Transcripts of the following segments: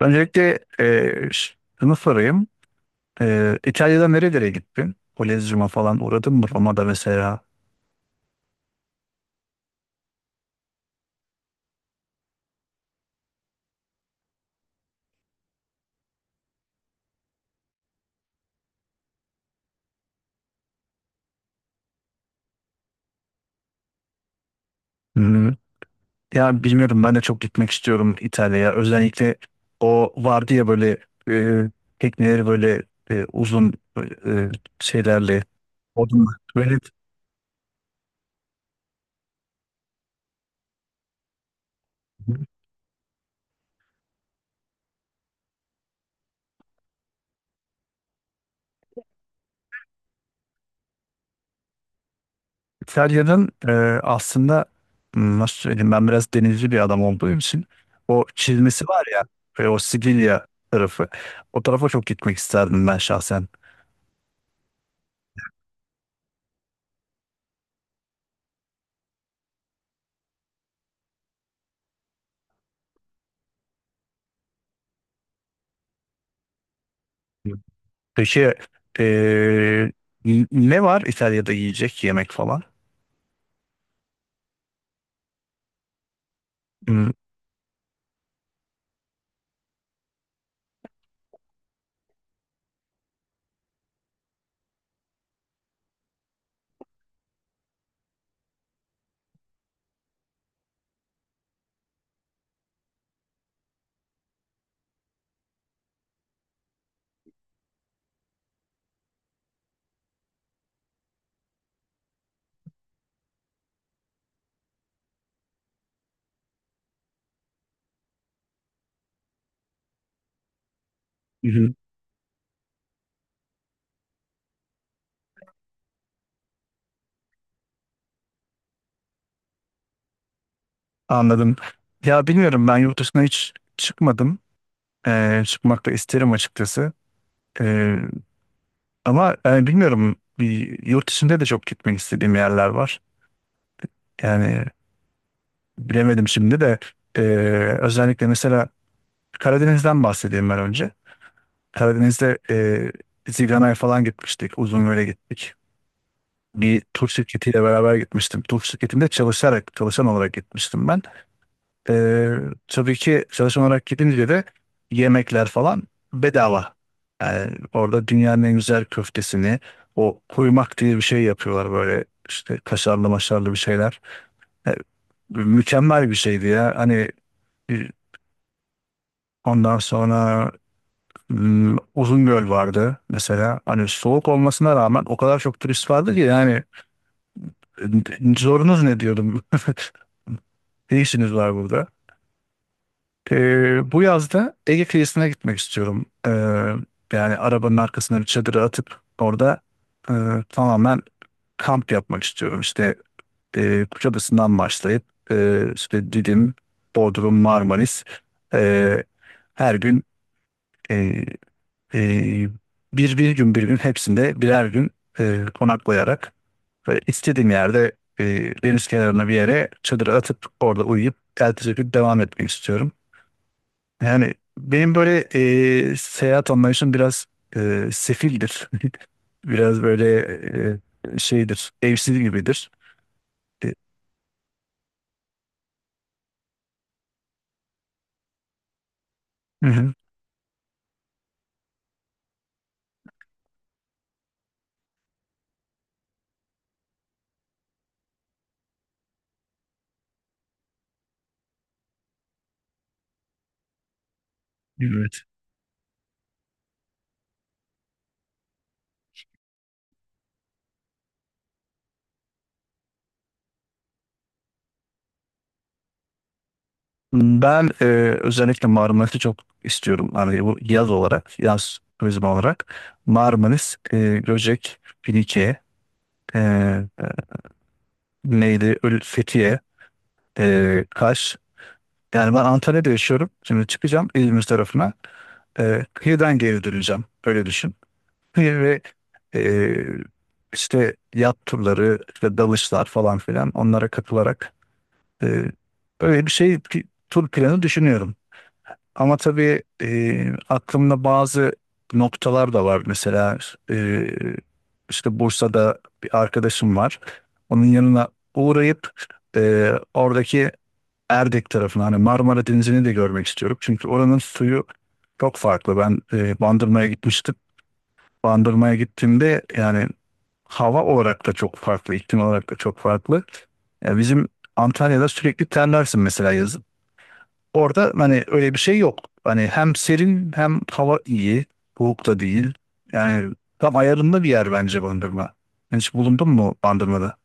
Öncelikle şunu sorayım. İtalya'da nerelere gittin? Kolezyum'a falan uğradın mı? Roma'da mesela. Hmm. Ya bilmiyorum ben de çok gitmek istiyorum İtalya'ya. Özellikle o vardı ya böyle e, tekneleri böyle uzun e, şeylerle. Odun. Böyle İtalya'nın aslında nasıl söyleyeyim ben biraz denizci bir adam olduğum için o çizmesi var ya o Sicilya tarafı. O tarafa çok gitmek isterdim ben şahsen. Peki eee, ne var İtalya'da yiyecek yemek falan? Hmm, mhm. Anladım. Ya bilmiyorum ben yurt dışına hiç çıkmadım. Çıkmak da isterim açıkçası. Eee, Ama yani bilmiyorum bir yurt dışında da çok gitmek istediğim yerler var. Yani bilemedim şimdi de e, özellikle mesela Karadeniz'den bahsedeyim ben önce. Karadeniz'de Zigana'ya falan gitmiştik. Uzungöl'e gittik. Bir tur şirketiyle beraber gitmiştim. Tur şirketinde çalışarak, çalışan olarak gitmiştim ben. E, tabii ki çalışan olarak gidince de yemekler falan bedava. Yani orada dünyanın en güzel köftesini, o kuymak diye bir şey yapıyorlar böyle işte kaşarlı maşarlı bir şeyler. E, Mükemmel bir şeydi ya. Hani ondan sonra Uzungöl vardı mesela. Hani soğuk olmasına rağmen o kadar çok turist vardı ki yani zorunuz ne diyordum. Ne işiniz var burada? Bu yazda Ege kıyısına gitmek istiyorum. Yani arabanın arkasına bir çadırı atıp orada e, tamamen kamp yapmak istiyorum. İşte Kuşadası'ndan başlayıp işte Didim, Bodrum, Marmaris e, her gün Ee, bir gün bir gün hepsinde birer gün konaklayarak ve istediğim yerde e, deniz kenarına bir yere çadır atıp orada uyuyup ertesi gün devam etmek istiyorum. Yani benim böyle seyahat anlayışım biraz sefildir. Biraz böyle şeydir, evsiz gibidir. E, hı hı, evet. Ben özellikle Marmaris'i çok istiyorum. Hani bu yaz olarak, yaz turizmi olarak. Marmaris, Göcek, Finike. Ee, Neydi? Fethiye, Kaş. Yani ben Antalya'da yaşıyorum. Şimdi çıkacağım İzmir tarafına. Kıyıdan geri döneceğim. Öyle düşün. Kıyı ve ee, işte yat turları, işte dalışlar falan filan onlara katılarak, ee, böyle bir tur planı düşünüyorum. Ama tabii aklımda bazı noktalar da var. Mesela e, işte Bursa'da bir arkadaşım var. Onun yanına uğrayıp oradaki Erdek tarafını hani Marmara Denizi'ni de görmek istiyorum. Çünkü oranın suyu çok farklı. Ben Bandırma'ya gitmiştim. Bandırma'ya gittiğimde yani hava olarak da çok farklı, iklim olarak da çok farklı. Ya bizim Antalya'da sürekli terlersin mesela yazın. Orada hani öyle bir şey yok. Hani hem serin hem hava iyi. Soğuk da değil. Yani tam ayarında bir yer bence Bandırma. Hiç bulundun mu Bandırma'da?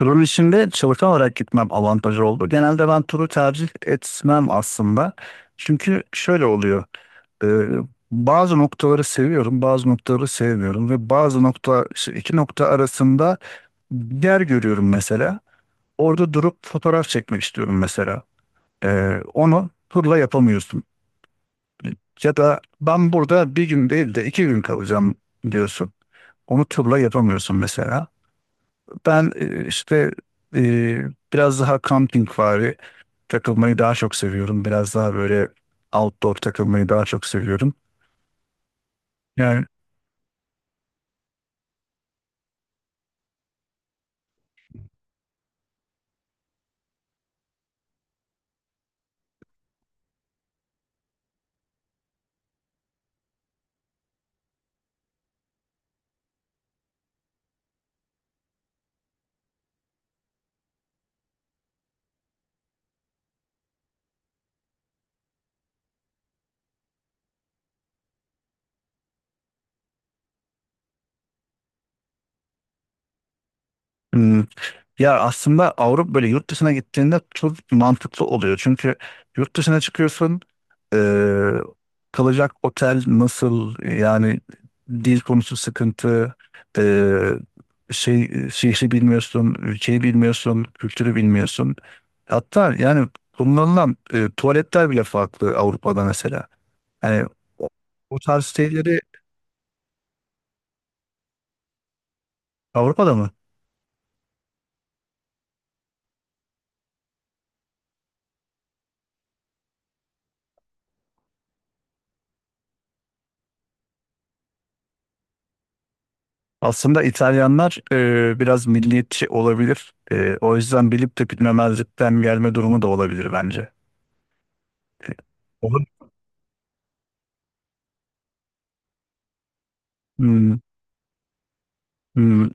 Turun içinde çalışan olarak gitmem avantajı oldu. Genelde ben turu tercih etmem aslında. Çünkü şöyle oluyor. Ee, Bazı noktaları seviyorum, bazı noktaları sevmiyorum ve bazı nokta işte iki nokta arasında bir yer görüyorum mesela. Orada durup fotoğraf çekmek istiyorum mesela. Onu turla yapamıyorsun. Ya da ben burada bir gün değil de iki gün kalacağım diyorsun. Onu turla yapamıyorsun mesela. Ben e, biraz daha campingvari takılmayı daha çok seviyorum. Biraz daha böyle outdoor takılmayı daha çok seviyorum. Yani hmm, ya aslında Avrupa böyle yurt dışına gittiğinde çok mantıklı oluyor. Çünkü yurt dışına çıkıyorsun, eee, kalacak otel nasıl, yani dil konusu sıkıntı, eee, şey şehri bilmiyorsun, ülkeyi bilmiyorsun, kültürü bilmiyorsun. Hatta yani kullanılan tuvaletler bile farklı Avrupa'da mesela. Yani o o tarz şeyleri Avrupa'da mı? Aslında İtalyanlar biraz milliyetçi olabilir. O yüzden bilip de bilmemezlikten gelme durumu da olabilir bence. E, olur. Hmm, hmm,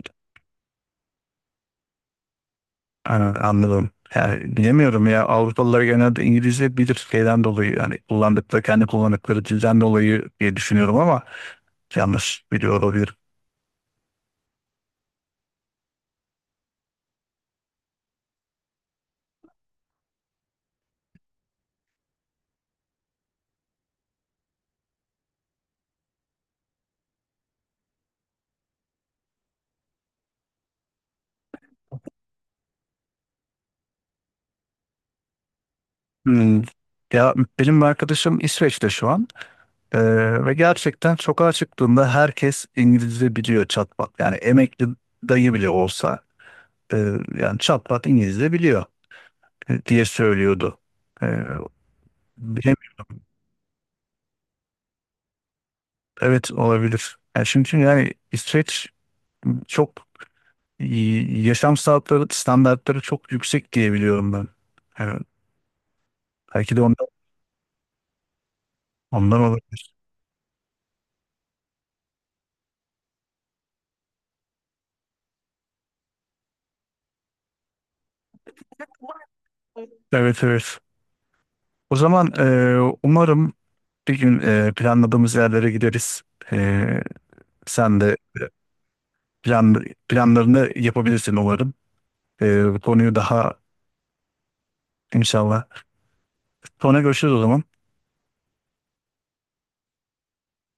anladım. Yani bilemiyorum ya Avrupalılar genelde İngilizce bilir şeyden dolayı yani kendi kullandıkları dilden dolayı diye düşünüyorum ama yanlış biliyor olabilir. Hmm. Ya benim arkadaşım İsveç'te şu an. Ve gerçekten sokağa çıktığında herkes İngilizce biliyor çatpat. Yani emekli dayı bile olsa e, yani çatpat İngilizce biliyor diye söylüyordu. Ee, Bilemiyorum. Evet olabilir. Yani çünkü yani İsveç çok yaşam standartları çok yüksek diye biliyorum ben. Yani belki de ondan olabilir. Evet, evet. O zaman umarım bir gün planladığımız yerlere gideriz. E, Sen de planlarını yapabilirsin umarım. Bu konuyu daha inşallah. Sonra görüşürüz o zaman.